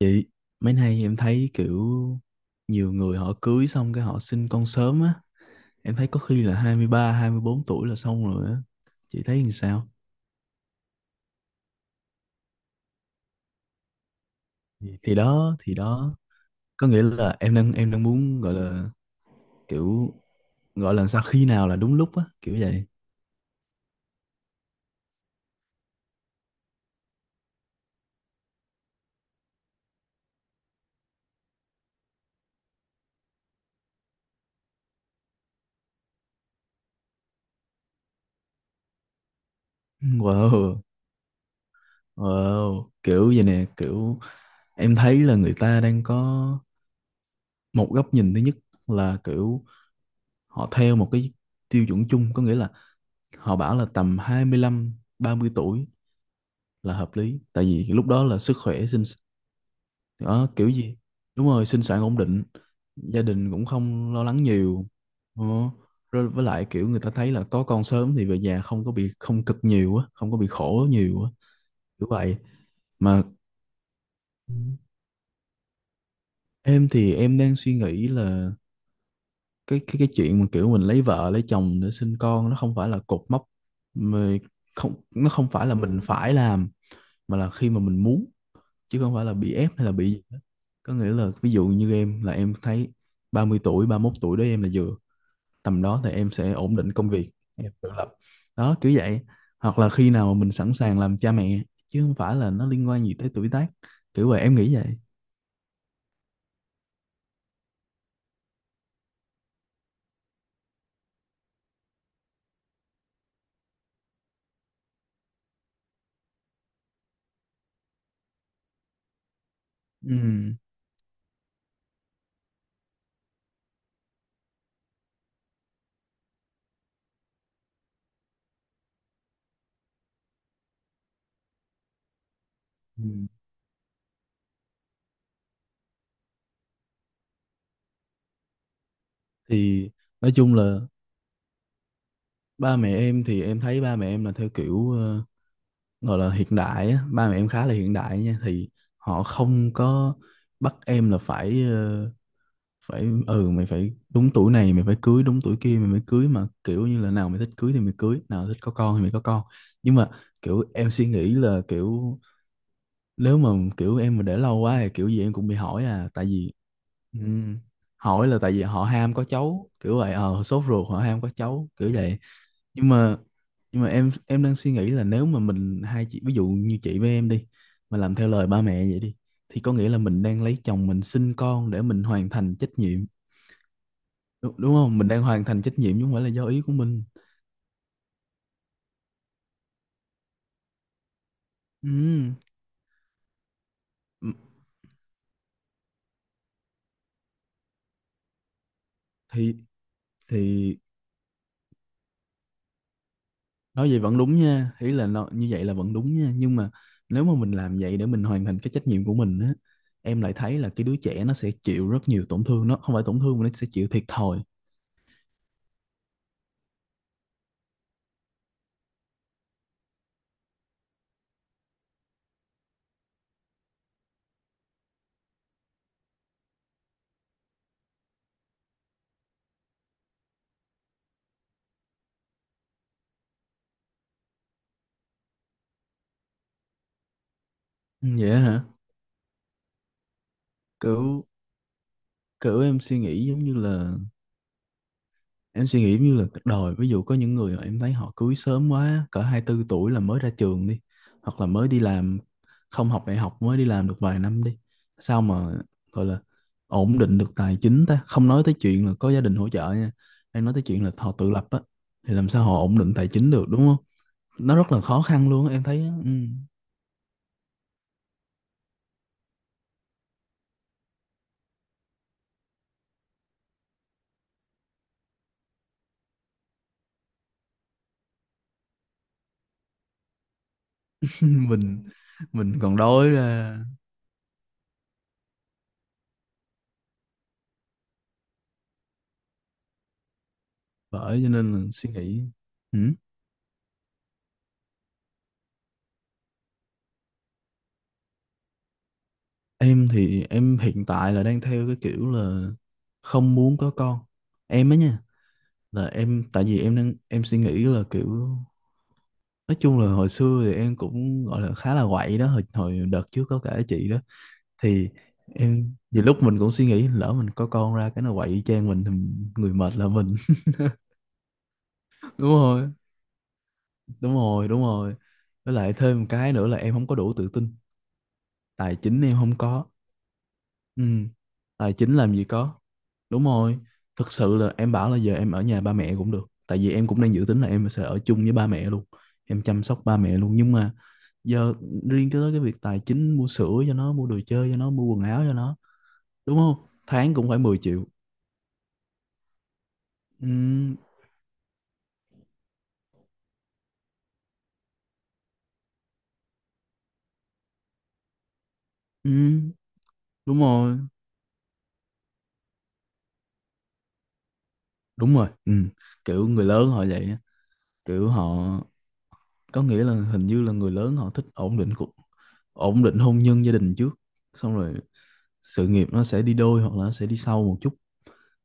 Chị, mấy nay em thấy kiểu nhiều người họ cưới xong cái họ sinh con sớm á. Em thấy có khi là hai, hai mươi ba, hai mươi bốn tuổi là xong rồi á. Chị thấy làm sao? Thì đó, thì đó, có nghĩa là em đang muốn gọi là kiểu, gọi là sao khi nào là đúng lúc á, kiểu vậy. Wow, wow, kiểu vậy nè, kiểu em thấy là người ta đang có một góc nhìn thứ nhất là kiểu họ theo một cái tiêu chuẩn chung, có nghĩa là họ bảo là tầm hai mươi lăm, ba mươi tuổi là hợp lý, tại vì lúc đó là sức khỏe sinh, đó kiểu gì, đúng rồi, sinh sản ổn định, gia đình cũng không lo lắng nhiều. Ờ, rồi với lại kiểu người ta thấy là có con sớm thì về nhà không có bị, không cực nhiều á, không có bị khổ nhiều á, kiểu vậy. Mà em thì em đang suy nghĩ là cái chuyện mà kiểu mình lấy vợ lấy chồng để sinh con nó không phải là cột mốc mà không, nó không phải là mình phải làm mà là khi mà mình muốn, chứ không phải là bị ép hay là bị gì hết. Có nghĩa là ví dụ như em là em thấy 30 tuổi, 31 tuổi đó, em là vừa tầm đó thì em sẽ ổn định công việc, em tự lập, đó kiểu vậy. Hoặc là khi nào mà mình sẵn sàng làm cha mẹ chứ không phải là nó liên quan gì tới tuổi tác, kiểu vậy em nghĩ vậy. Ừ. Ừ. Thì nói chung là ba mẹ em thì em thấy ba mẹ em là theo kiểu gọi là hiện đại á. Ba mẹ em khá là hiện đại nha. Thì họ không có bắt em là phải phải, ừ, mày phải đúng tuổi này, mày phải cưới đúng tuổi kia mày mới cưới, mà kiểu như là nào mày thích cưới thì mày cưới, nào thích có con thì mày có con. Nhưng mà kiểu em suy nghĩ là kiểu nếu mà kiểu em mà để lâu quá thì kiểu gì em cũng bị hỏi à, tại vì ừm, hỏi là tại vì họ ham có cháu kiểu vậy, ờ sốt ruột, họ ham có cháu kiểu vậy. Nhưng mà nhưng mà em đang suy nghĩ là nếu mà mình hai chị, ví dụ như chị với em đi, mà làm theo lời ba mẹ vậy đi thì có nghĩa là mình đang lấy chồng, mình sinh con để mình hoàn thành trách nhiệm, đúng, đúng không, mình đang hoàn thành trách nhiệm chứ không phải là do ý của mình. Ừm, m- thì thì nói vậy vẫn đúng nha, ý là nó, như vậy là vẫn đúng nha, nhưng mà nếu mà mình làm vậy để mình hoàn thành cái trách nhiệm của mình á, em lại thấy là cái đứa trẻ nó sẽ chịu rất nhiều tổn thương, nó không phải tổn thương mà nó sẽ chịu thiệt thòi. Ừ, vậy hả, kiểu kiểu em suy nghĩ giống như là, em suy nghĩ như là cả đời ví dụ có những người mà em thấy họ cưới sớm quá cỡ, 24 tuổi là mới ra trường đi, hoặc là mới đi làm, không học đại học mới đi làm được vài năm đi, sao mà gọi là ổn định được tài chính, ta không nói tới chuyện là có gia đình hỗ trợ nha, em nói tới chuyện là họ tự lập á, thì làm sao họ ổn định tài chính được đúng không. Nó rất là khó khăn luôn á, em thấy á. Ừ. mình mình còn đói ra. Bởi cho nên là suy nghĩ. Ừ. Em thì em hiện tại là đang theo cái kiểu là không muốn có con. Em á nha, là em, tại vì em đang em suy nghĩ là kiểu nói chung là hồi xưa thì em cũng gọi là khá là quậy đó, hồi hồi đợt trước có kể chị đó. Thì em nhiều lúc mình cũng suy nghĩ lỡ mình có con ra cái nó quậy y chang mình thì người mệt là mình. Đúng rồi, đúng rồi, đúng rồi. Với lại thêm một cái nữa là em không có đủ tự tin, tài chính em không có. Ừ, tài chính làm gì có. Đúng rồi, thực sự là em bảo là giờ em ở nhà ba mẹ cũng được. Tại vì em cũng đang dự tính là em sẽ ở chung với ba mẹ luôn. Em chăm sóc ba mẹ luôn. Nhưng mà giờ riêng cái tới cái việc tài chính, mua sữa cho nó, mua đồ chơi cho nó, mua quần áo cho nó. Đúng không? Tháng cũng phải mười triệu. Ừ, ừ, đúng rồi, đúng rồi. Ừ. Kiểu người lớn họ vậy á. Kiểu họ, có nghĩa là hình như là người lớn họ thích ổn định cuộc, ổn định hôn nhân gia đình trước, xong rồi sự nghiệp nó sẽ đi đôi hoặc là nó sẽ đi sau một chút.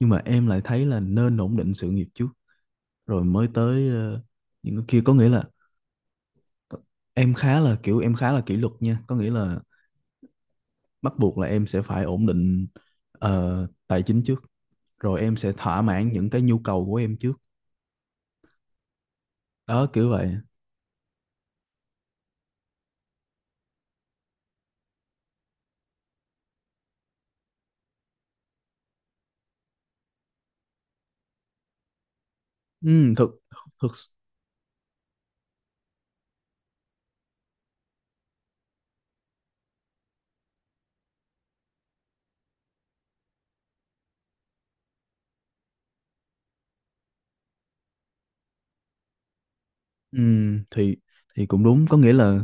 Nhưng mà em lại thấy là nên ổn định sự nghiệp trước rồi mới tới những cái kia. Có nghĩa là em khá là kiểu, em khá là kỷ luật nha, có nghĩa là bắt buộc là em sẽ phải ổn định tài chính trước rồi em sẽ thỏa mãn những cái nhu cầu của em trước, đó kiểu vậy. Ừ, thực thực ừ, thì thì cũng đúng, có nghĩa là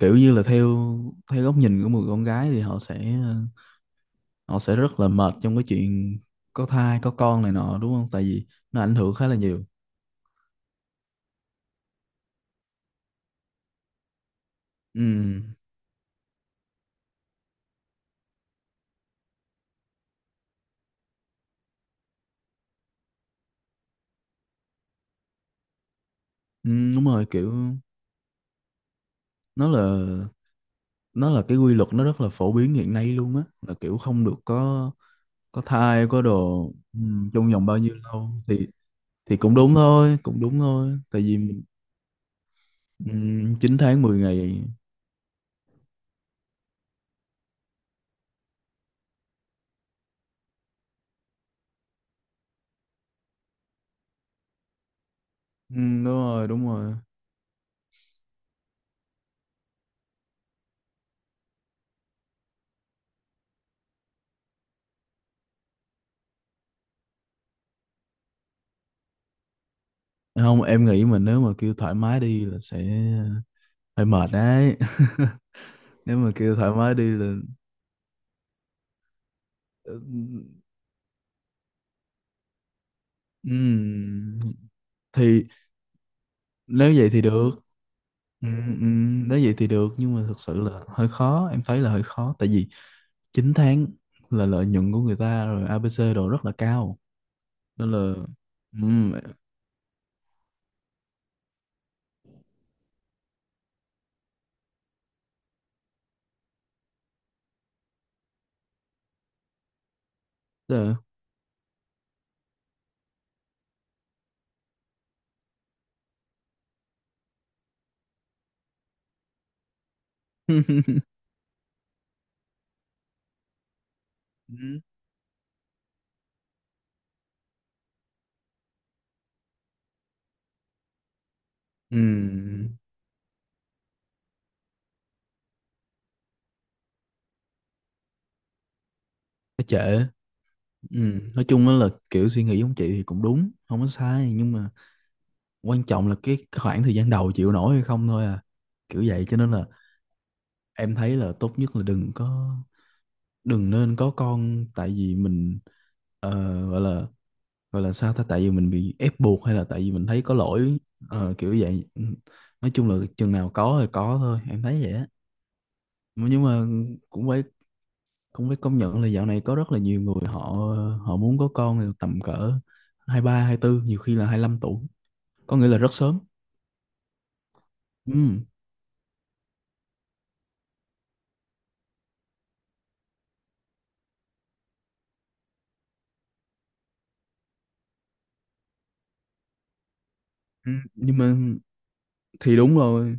kiểu như là theo, theo góc nhìn của một con gái thì họ sẽ họ sẽ rất là mệt trong cái chuyện có thai có con này nọ đúng không, tại vì nó ảnh hưởng khá là nhiều. Ừ, ừ đúng rồi, kiểu nó là, nó là cái quy luật nó rất là phổ biến hiện nay luôn á, là kiểu không được có thai có đồ ừ, trong vòng bao nhiêu lâu thì cũng đúng thôi, cũng đúng thôi, tại vì mình ừ, 9 tháng mười ngày. Ừ, đúng rồi, đúng rồi, không em nghĩ mà nếu mà kêu thoải mái đi là sẽ ờ, hơi mệt đấy. Nếu mà kêu thoải mái đi là Ừm, thì nếu vậy thì được. Nếu vậy thì được nhưng mà thực sự là hơi khó, em thấy là hơi khó, tại vì 9 tháng là lợi nhuận của người ta rồi ABC đồ rất là cao nên là ừm, tức là… Ừm, ừm, nó trễ. Nói chung á là kiểu suy nghĩ giống chị thì cũng đúng, không có sai, nhưng mà quan trọng là cái khoảng thời gian đầu chịu nổi hay không thôi à, kiểu vậy cho nên là em thấy là tốt nhất là đừng có, đừng nên có con tại vì mình ờ, gọi là, gọi là sao ta, tại vì mình bị ép buộc hay là tại vì mình thấy có lỗi, ờ, kiểu vậy. Ừ. Nói chung là chừng nào có thì có thôi, em thấy vậy á. Mà nhưng mà cũng phải cũng phải công nhận là dạo này có rất là nhiều người họ, họ muốn có con thì tầm cỡ hai ba, hai tư, nhiều khi là hai lăm tuổi, có nghĩa là rất sớm. Ừ. Ừ. Nhưng mà thì đúng rồi,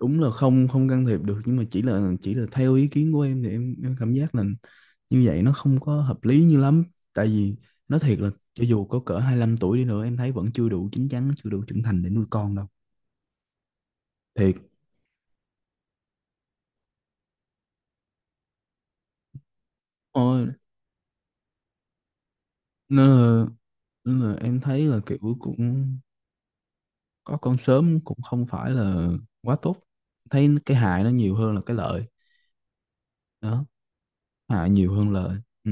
đúng là không, không can thiệp được, nhưng mà chỉ là, chỉ là theo ý kiến của em thì em cảm giác là như vậy nó không có hợp lý như lắm, tại vì nói thiệt là cho dù có cỡ hai lăm tuổi đi nữa em thấy vẫn chưa đủ chín chắn, chưa đủ trưởng thành để nuôi con đâu, thiệt. Ôi, nên là, nên là em thấy là kiểu cũng có con sớm cũng không phải là quá tốt, thấy cái hại nó nhiều hơn là cái lợi, đó, hại nhiều hơn lợi. Ừ.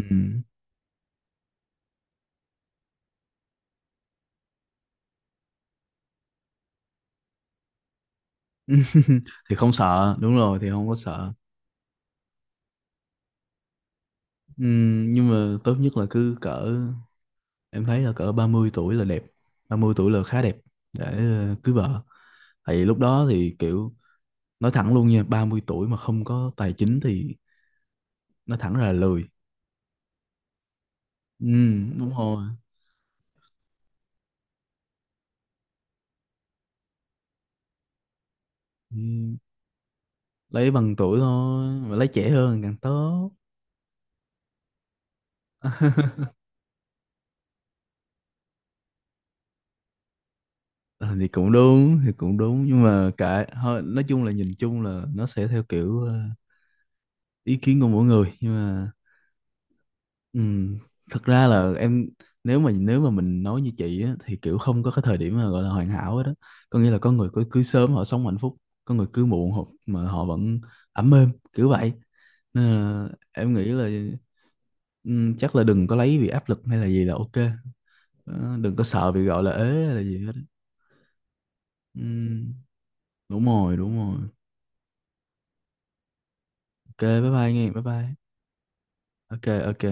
Thì không sợ, đúng rồi, thì không có sợ. Nhưng mà tốt nhất là cứ cỡ, em thấy là cỡ 30 tuổi là đẹp, 30 tuổi là khá đẹp để cưới vợ. Tại vì lúc đó thì kiểu nói thẳng luôn nha, 30 tuổi mà không có tài chính thì nói thẳng ra là lười. Đúng rồi. Ừm, lấy bằng tuổi thôi, mà lấy trẻ hơn càng tốt. Ờ, thì cũng đúng, thì cũng đúng nhưng mà cả thôi, nói chung là nhìn chung là nó sẽ theo kiểu ý kiến của mỗi người, nhưng mà Ừ, thật ra là em, nếu mà, nếu mà mình nói như chị á, thì kiểu không có cái thời điểm mà gọi là hoàn hảo hết đó, có nghĩa là có người cứ cưới sớm họ sống hạnh phúc, có người cưới muộn họ, mà họ vẫn ấm êm kiểu vậy, nên là em nghĩ là ừ, chắc là đừng có lấy vì áp lực hay là gì là ok. Ờ, đừng có sợ bị gọi là ế hay là gì hết. Ừ, đúng rồi, đúng rồi. Ok, bye bye nghe, bye bye. Ok. Ok.